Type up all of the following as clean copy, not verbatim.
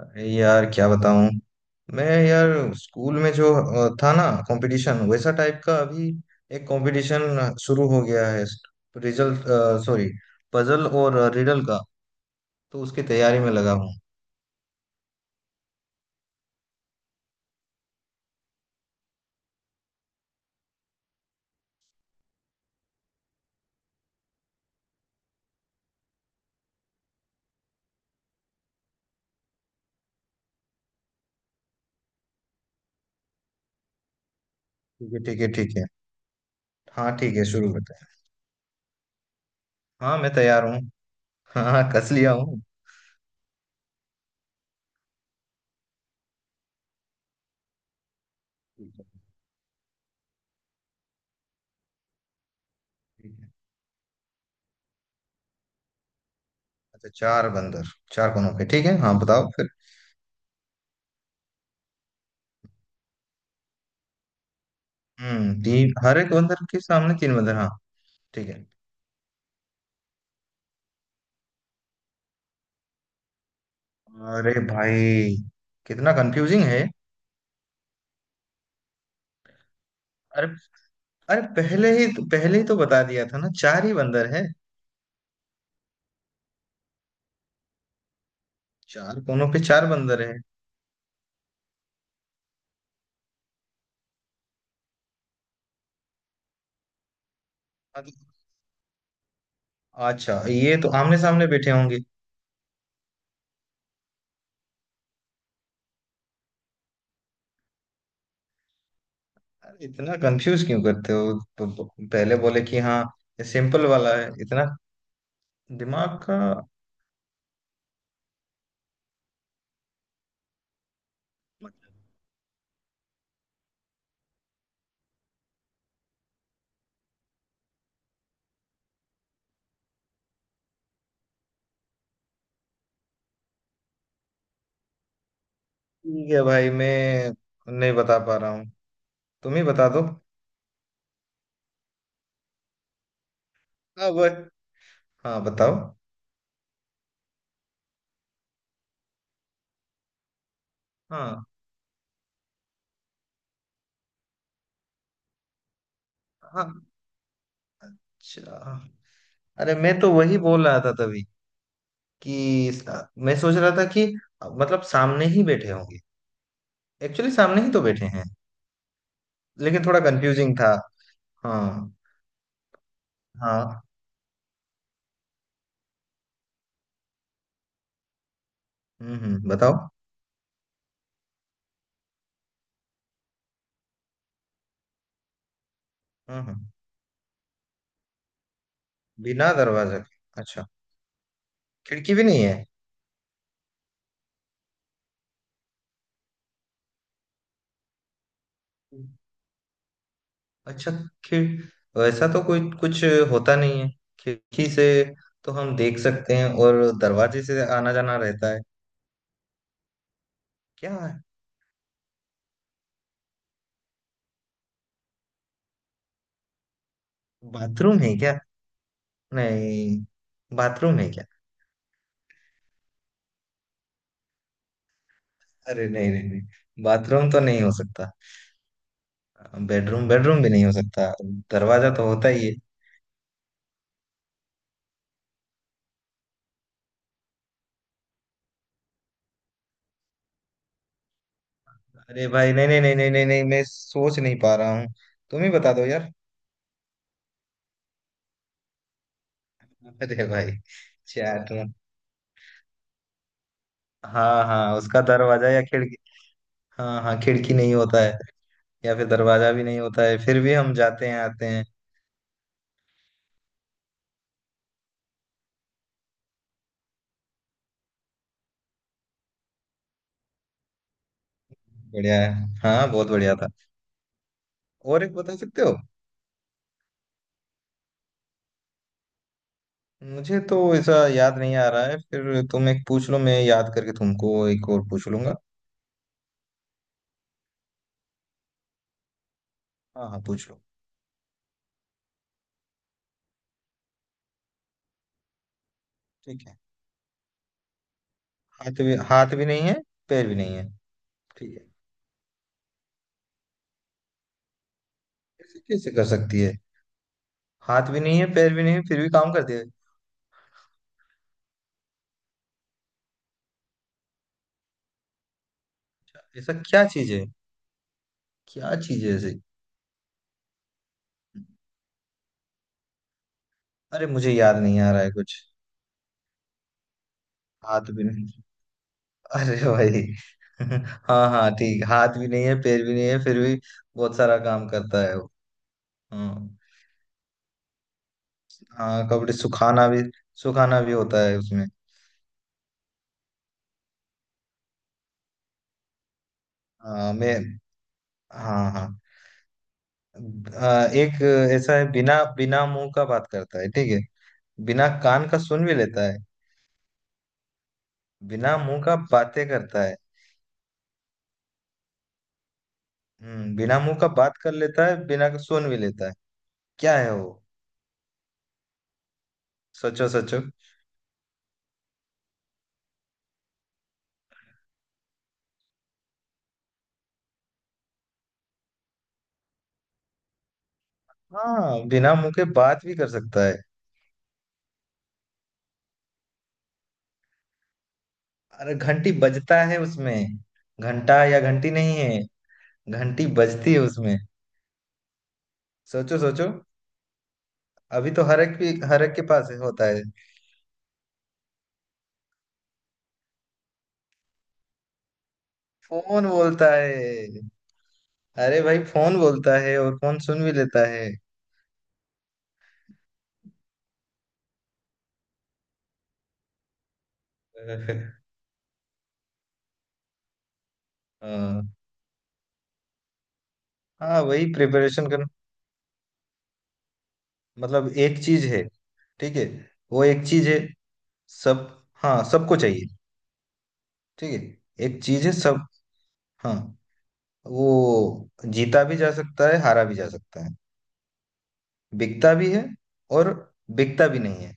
अरे यार क्या बताऊं। मैं यार स्कूल में जो था ना, कंपटीशन वैसा टाइप का। अभी एक कंपटीशन शुरू हो गया है। रिजल्ट, सॉरी, पजल और रिडल का। तो उसकी तैयारी में लगा हूँ। ठीक है, ठीक है, ठीक है। हाँ ठीक है, शुरू करते हैं। हाँ मैं तैयार हूँ। हाँ हाँ, कस लिया हूँ। ठीक है, ठीक है। अच्छा चार बंदर, चार कोनों के, ठीक है, हाँ बताओ फिर। हम्म, तीन हर एक बंदर के सामने तीन बंदर, हाँ ठीक है। अरे भाई, कितना कंफ्यूजिंग है। अरे अरे, पहले ही तो बता दिया था ना, चार ही बंदर है। चार कोनों पे चार बंदर है। अच्छा, ये तो आमने सामने बैठे होंगे। अरे इतना कंफ्यूज क्यों करते हो? पहले बोले कि हाँ, ये सिंपल वाला है इतना, दिमाग का। ठीक है भाई, मैं नहीं बता पा रहा हूँ, तुम ही बता दो। हाँ वो, हाँ बताओ। हाँ हाँ, अच्छा, अरे मैं तो वही बोल रहा था तभी कि मैं सोच रहा था कि मतलब सामने ही बैठे होंगे। एक्चुअली सामने ही तो बैठे हैं, लेकिन थोड़ा कंफ्यूजिंग था। हाँ हाँ। हम्म, बताओ। हम्म, बिना दरवाजे के, अच्छा, खिड़की भी नहीं है। अच्छा, खिड़ वैसा तो कोई कुछ होता नहीं है। खिड़की से तो हम देख सकते हैं और दरवाजे से आना जाना रहता है। क्या बाथरूम है क्या? नहीं, बाथरूम है क्या? अरे नहीं नहीं नहीं, बाथरूम तो नहीं हो सकता। बेडरूम, बेडरूम भी नहीं हो सकता, दरवाजा तो होता ही है। अरे भाई, नहीं नहीं नहीं नहीं नहीं नहीं, मैं सोच नहीं पा रहा हूँ, तुम ही बता दो यार। अरे भाई चैट में। हाँ हाँ, उसका दरवाजा या खिड़की। हाँ हाँ, खिड़की नहीं होता है या फिर दरवाजा भी नहीं होता है, फिर भी हम जाते हैं आते हैं। बढ़िया है। हाँ बहुत बढ़िया था। और एक बता सकते हो? मुझे तो ऐसा याद नहीं आ रहा है, फिर तुम एक पूछ लो, मैं याद करके तुमको एक और पूछ लूंगा। हाँ हाँ, पूछ लो। ठीक है। हाथ भी नहीं है, पैर भी नहीं है, ठीक है। ऐसे कैसे कर सकती है? हाथ भी नहीं है, पैर भी नहीं है, फिर भी काम करती है। ऐसा क्या चीज है? क्या चीज है ऐसी? अरे मुझे याद नहीं आ रहा है कुछ। हाथ भी नहीं। अरे भाई। हाँ हाँ ठीक, हाथ भी नहीं है, पैर भी नहीं है, फिर भी बहुत सारा काम करता है वो। हाँ हाँ, कपड़े सुखाना भी, सुखाना भी होता है उसमें। हाँ मैं, हाँ हाँ, एक ऐसा है, बिना बिना मुंह का बात करता है, ठीक है, बिना कान का सुन भी लेता है। बिना मुंह का बातें करता है। हम्म, बिना मुंह का बात कर लेता है, बिना सुन भी लेता है। क्या है वो? सोचो सोचो। हाँ बिना मुंह के बात भी कर सकता है। अरे घंटी बजता है उसमें? घंटा या घंटी नहीं है। घंटी बजती है उसमें। सोचो सोचो। अभी तो हर एक भी हर एक के पास है- होता है। फोन बोलता है। अरे भाई फोन बोलता है और फोन सुन भी लेता है। हाँ हाँ, वही प्रिपरेशन कर। मतलब एक चीज है, ठीक है, वो एक चीज है सब, हाँ सबको चाहिए, ठीक है, एक चीज है सब। हाँ, वो जीता भी जा सकता है, हारा भी जा सकता है, बिकता भी है और बिकता भी नहीं है।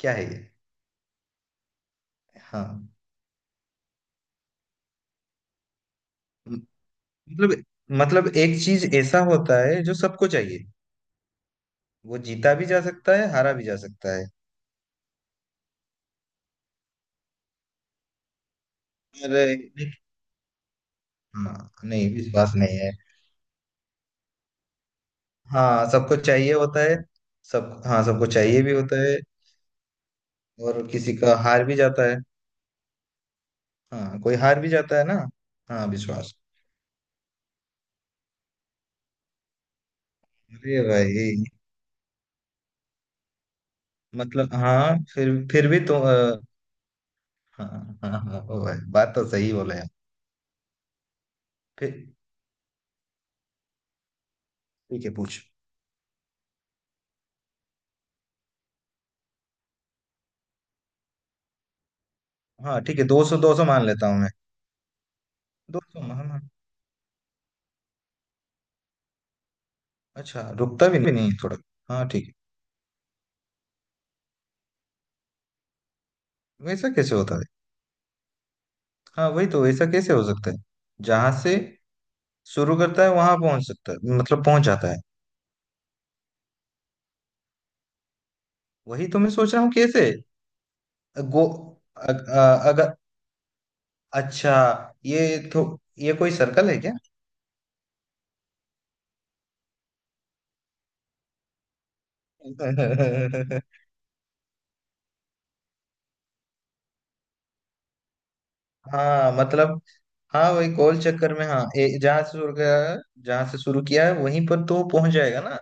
क्या है ये? हाँ, म- मतलब मतलब एक चीज ऐसा होता है जो सबको चाहिए, वो जीता भी जा सकता है, हारा भी जा सकता है। अरे नहीं, हाँ नहीं विश्वास नहीं है, हाँ सबको चाहिए होता है, सब, हाँ सबको चाहिए भी होता है और किसी का हार भी जाता है। हाँ कोई हार भी जाता है ना, हाँ विश्वास। अरे भाई, मतलब हाँ फिर भी तो। हाँ हाँ हाँ, ओ भाई, बात तो सही बोले आप। फिर ठीक है, पूछ। हाँ ठीक है, 200, 200 मान लेता हूँ मैं। 200 मान मान- अच्छा रुकता भी नहीं है थोड़ा, हाँ ठीक है। वैसा कैसे होता है? हाँ वही तो, वैसा कैसे हो सकता है? जहां से शुरू करता है वहां पहुंच सकता है, मतलब पहुंच जाता है। वही तो मैं सोच रहा हूँ कैसे। गो अगर, अच्छा, ये तो, ये कोई सर्कल है क्या? हाँ, मतलब हाँ वही गोल चक्कर में, हाँ जहाँ से शुरू किया, जहाँ से शुरू किया है वहीं पर तो पहुंच जाएगा ना।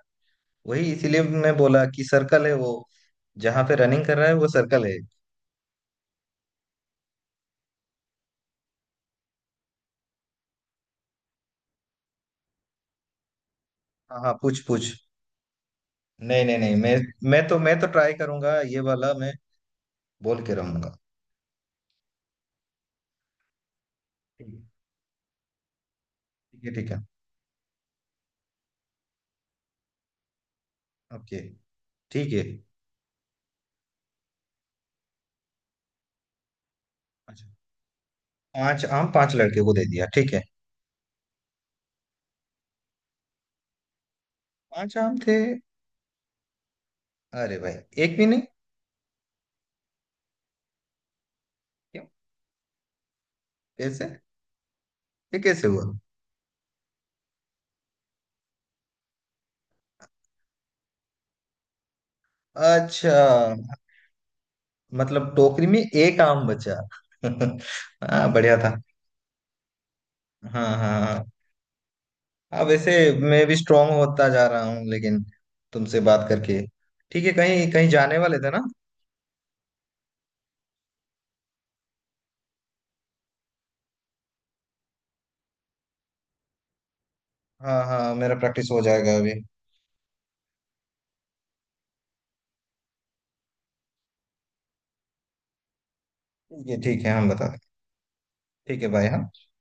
वही इसीलिए मैं बोला कि सर्कल है वो, जहाँ पे रनिंग कर रहा है वो सर्कल है। हाँ हाँ, पूछ पूछ। नहीं नहीं नहीं, मैं तो ट्राई करूंगा, ये वाला मैं बोल के रहूंगा। ठीक है, ठीक है, ओके, ठीक है, अच्छा, पांच आम पांच लड़के को दे दिया, ठीक है। पांच आम थे, अरे भाई, एक भी नहीं। क्यों? कैसे? ये कैसे हुआ? अच्छा, मतलब टोकरी में एक आम बचा। हाँ बढ़िया था। हाँ हाँ हाँ। अब वैसे मैं भी स्ट्रांग होता जा रहा हूँ, लेकिन तुमसे बात करके। ठीक है, कहीं कहीं जाने वाले थे ना। हाँ हाँ, मेरा प्रैक्टिस हो जाएगा अभी। ठीक है, ठीक है, हम बता दें। ठीक है भाई, हाँ।